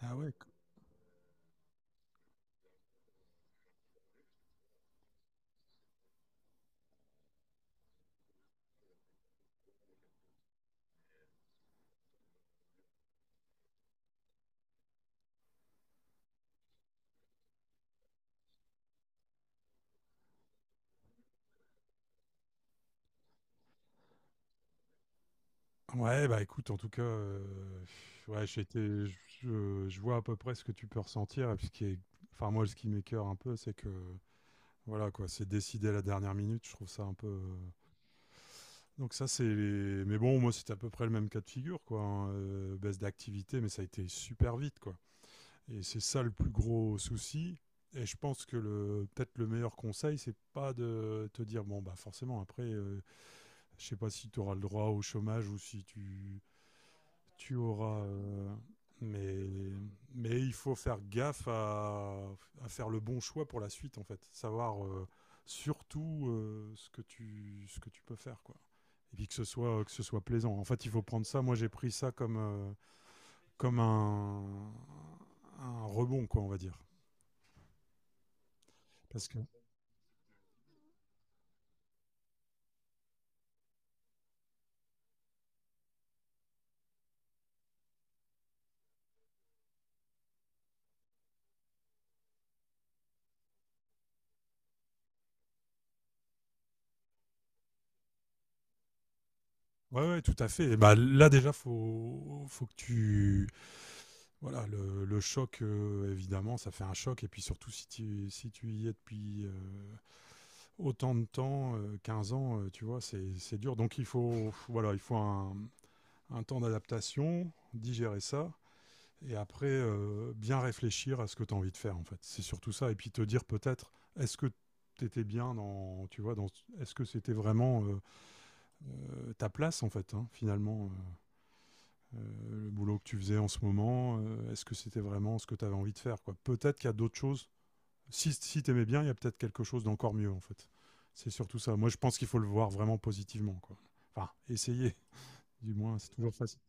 Ah ouais. Ouais, bah écoute, en tout cas, ouais, j'ai été, je, je vois à peu près ce que tu peux ressentir. Et puis ce qui est, enfin moi, ce qui m'écœure un peu, c'est que voilà quoi, c'est décidé à la dernière minute. Je trouve ça un peu. Donc ça, c'est les. Mais bon, moi, c'était à peu près le même cas de figure, quoi. Hein, baisse d'activité, mais ça a été super vite, quoi. Et c'est ça le plus gros souci. Et je pense que le peut-être le meilleur conseil, c'est pas de te dire bon bah forcément après, je sais pas si tu auras le droit au chômage ou si tu auras. Mais, mais il faut faire gaffe à faire le bon choix pour la suite, en fait. Savoir surtout ce que tu peux faire, quoi. Et puis que ce soit plaisant. En fait, il faut prendre ça. Moi, j'ai pris ça comme, comme un rebond, quoi, on va dire. Parce que. Ouais, ouais, tout à fait. Et bah, là, déjà, faut, faut que tu. Voilà, le choc, évidemment, ça fait un choc. Et puis surtout, si tu, si tu y es depuis. Autant de temps, 15 ans, tu vois, c'est dur. Donc il faut, voilà, il faut un temps d'adaptation, digérer ça, et après bien réfléchir à ce que tu as envie de faire, en fait. C'est surtout ça. Et puis te dire peut-être, est-ce que tu étais bien dans, tu vois, dans, est-ce que c'était vraiment ta place, en fait, hein, finalement le boulot que tu faisais en ce moment, est-ce que c'était vraiment ce que tu avais envie de faire quoi? Peut-être qu'il y a d'autres choses si, si t'aimais bien, il y a peut-être quelque chose d'encore mieux, en fait. C'est surtout ça. Moi, je pense qu'il faut le voir vraiment positivement, quoi. Enfin, essayer, du moins, c'est toujours facile.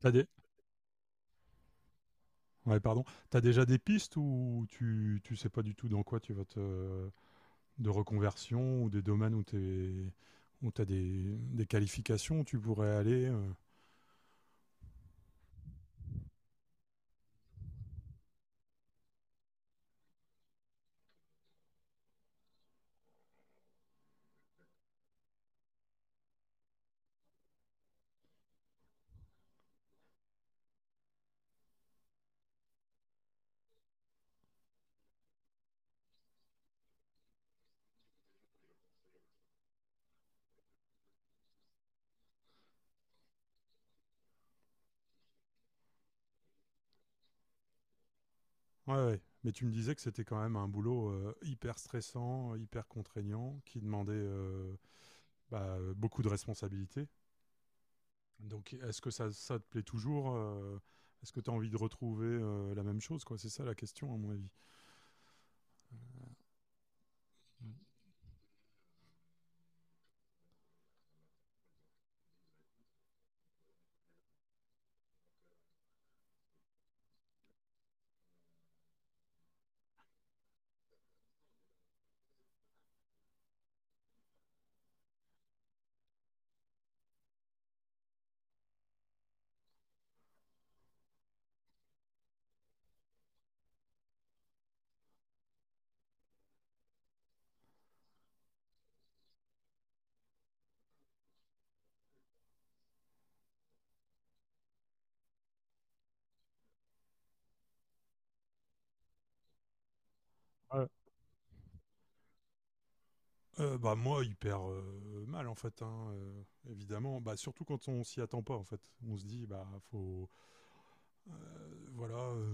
T'as des... Ouais, pardon. T'as déjà des pistes ou tu sais pas du tout dans quoi tu vas te... de reconversion ou des domaines où t'es... où t'as des qualifications où tu pourrais aller. Ouais, ouais. Mais tu me disais que c'était quand même un boulot hyper stressant, hyper contraignant, qui demandait bah, beaucoup de responsabilités. Donc, est-ce que ça te plaît toujours est-ce que tu as envie de retrouver la même chose quoi? C'est ça la question, à mon avis. Ouais. Bah, moi, hyper mal, en fait, hein, évidemment. Bah, surtout quand on s'y attend pas, en fait. On se dit, bah, faut. Voilà.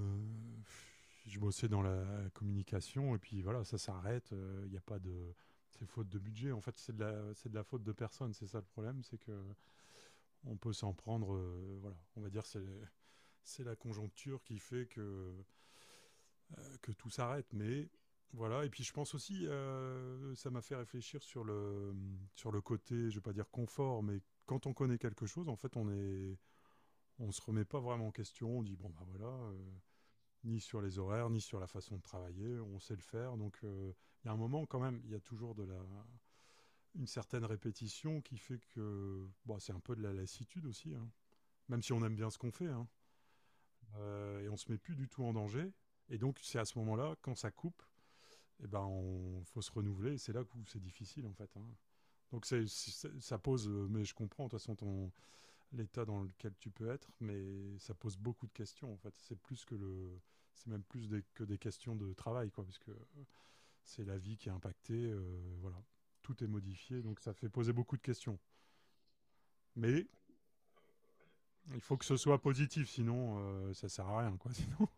je bossais dans la communication, et puis voilà, ça s'arrête. Il n'y a pas de. C'est faute de budget. En fait, c'est de la faute de personne. C'est ça le problème, c'est que on peut s'en prendre. Voilà, on va dire c'est la conjoncture qui fait que tout s'arrête, mais voilà. Et puis je pense aussi, ça m'a fait réfléchir sur le côté, je vais pas dire confort, mais quand on connaît quelque chose, en fait, on est, on se remet pas vraiment en question. On dit bon bah voilà, ni sur les horaires, ni sur la façon de travailler, on sait le faire. Donc il y a un moment quand même, il y a toujours de la, une certaine répétition qui fait que, bon, c'est un peu de la lassitude aussi. Hein. Même si on aime bien ce qu'on fait, hein. Et on se met plus du tout en danger. Et donc c'est à ce moment-là, quand ça coupe, eh ben, on faut se renouveler. C'est là où c'est difficile, en fait. Hein. Donc, c'est, ça pose, mais je comprends, de toute façon, ton, l'état dans lequel tu peux être, mais ça pose beaucoup de questions, en fait. C'est plus que le. C'est même plus que des questions de travail, quoi, puisque c'est la vie qui est impactée, voilà. Tout est modifié, donc ça fait poser beaucoup de questions. Mais il faut que ce soit positif, sinon ça sert à rien, quoi. Sinon,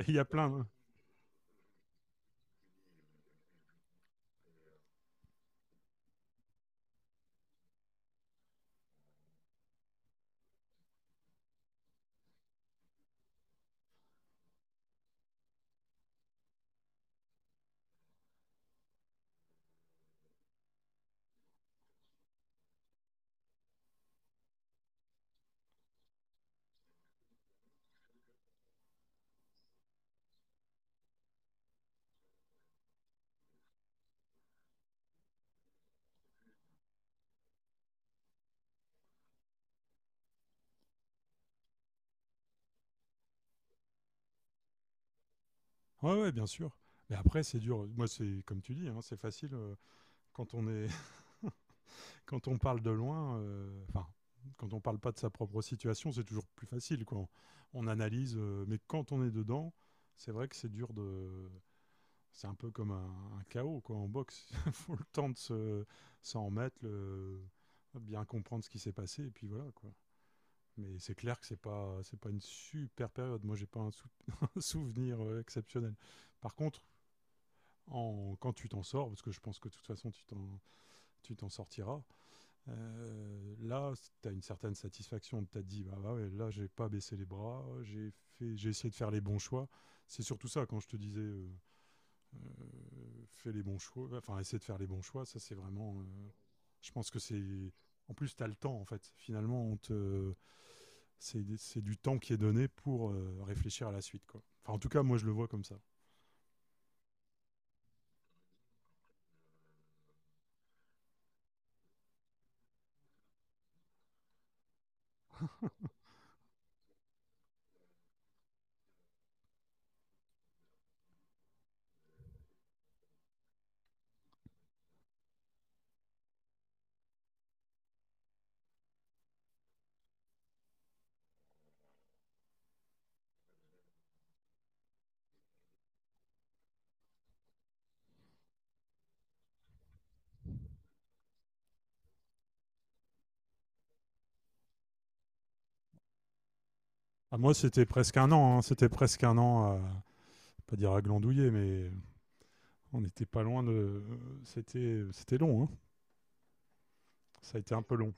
et il y a plein. Hein. Ouais, ouais, bien sûr. Mais après, c'est dur. Moi, c'est comme tu dis, hein, c'est facile quand on est quand on parle de loin, enfin, quand on parle pas de sa propre situation, c'est toujours plus facile. Quoi. On analyse, mais quand on est dedans, c'est vrai que c'est dur de. C'est un peu comme un chaos quoi, en boxe. Il faut le temps de s'en remettre, bien comprendre ce qui s'est passé, et puis voilà. Quoi. Mais c'est clair que c'est pas une super période. Moi, j'ai pas un, un souvenir exceptionnel. Par contre, quand tu t'en sors, parce que je pense que de toute façon tu t'en sortiras, là, tu as une certaine satisfaction. Tu as dit, bah, bah ouais, là, j'ai pas baissé les bras, j'ai fait, j'ai essayé de faire les bons choix. C'est surtout ça, quand je te disais, euh, fais les bons choix, enfin, essayer de faire les bons choix, ça, c'est vraiment. Je pense que c'est. En plus, tu as le temps, en fait. Finalement, on te... c'est du temps qui est donné pour réfléchir à la suite. Quoi. Enfin, en tout cas, moi, je le vois comme ça. Ah, moi, c'était presque un an. Hein. C'était presque un an à. Pas dire à glandouiller, mais on n'était pas loin de. C'était, c'était long. Hein. Ça a été un peu long.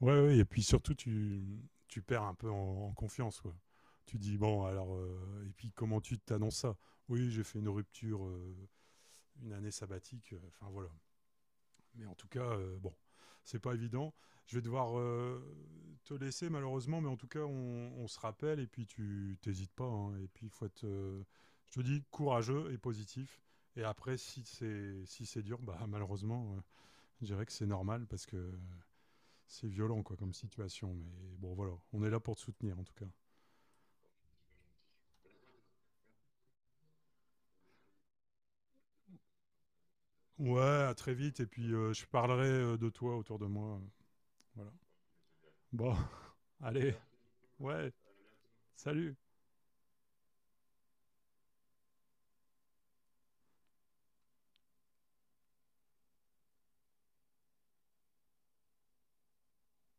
Ouais, ouais, et puis surtout, tu perds un peu en, en confiance, quoi. Tu dis, bon, alors, et puis comment tu t'annonces ça? Oui, j'ai fait une rupture, une année sabbatique, enfin voilà. Mais en tout cas, bon, c'est pas évident. Je vais devoir te laisser malheureusement, mais en tout cas, on se rappelle et puis tu t'hésites pas. Hein. Et puis, il faut être, je te dis, courageux et positif. Et après, si c'est si c'est dur, bah malheureusement, je dirais que c'est normal parce que c'est violent quoi comme situation. Mais bon, voilà, on est là pour te soutenir en tout cas. Ouais, à très vite. Et puis je parlerai de toi autour de moi. Voilà. Bon, allez, ouais, salut.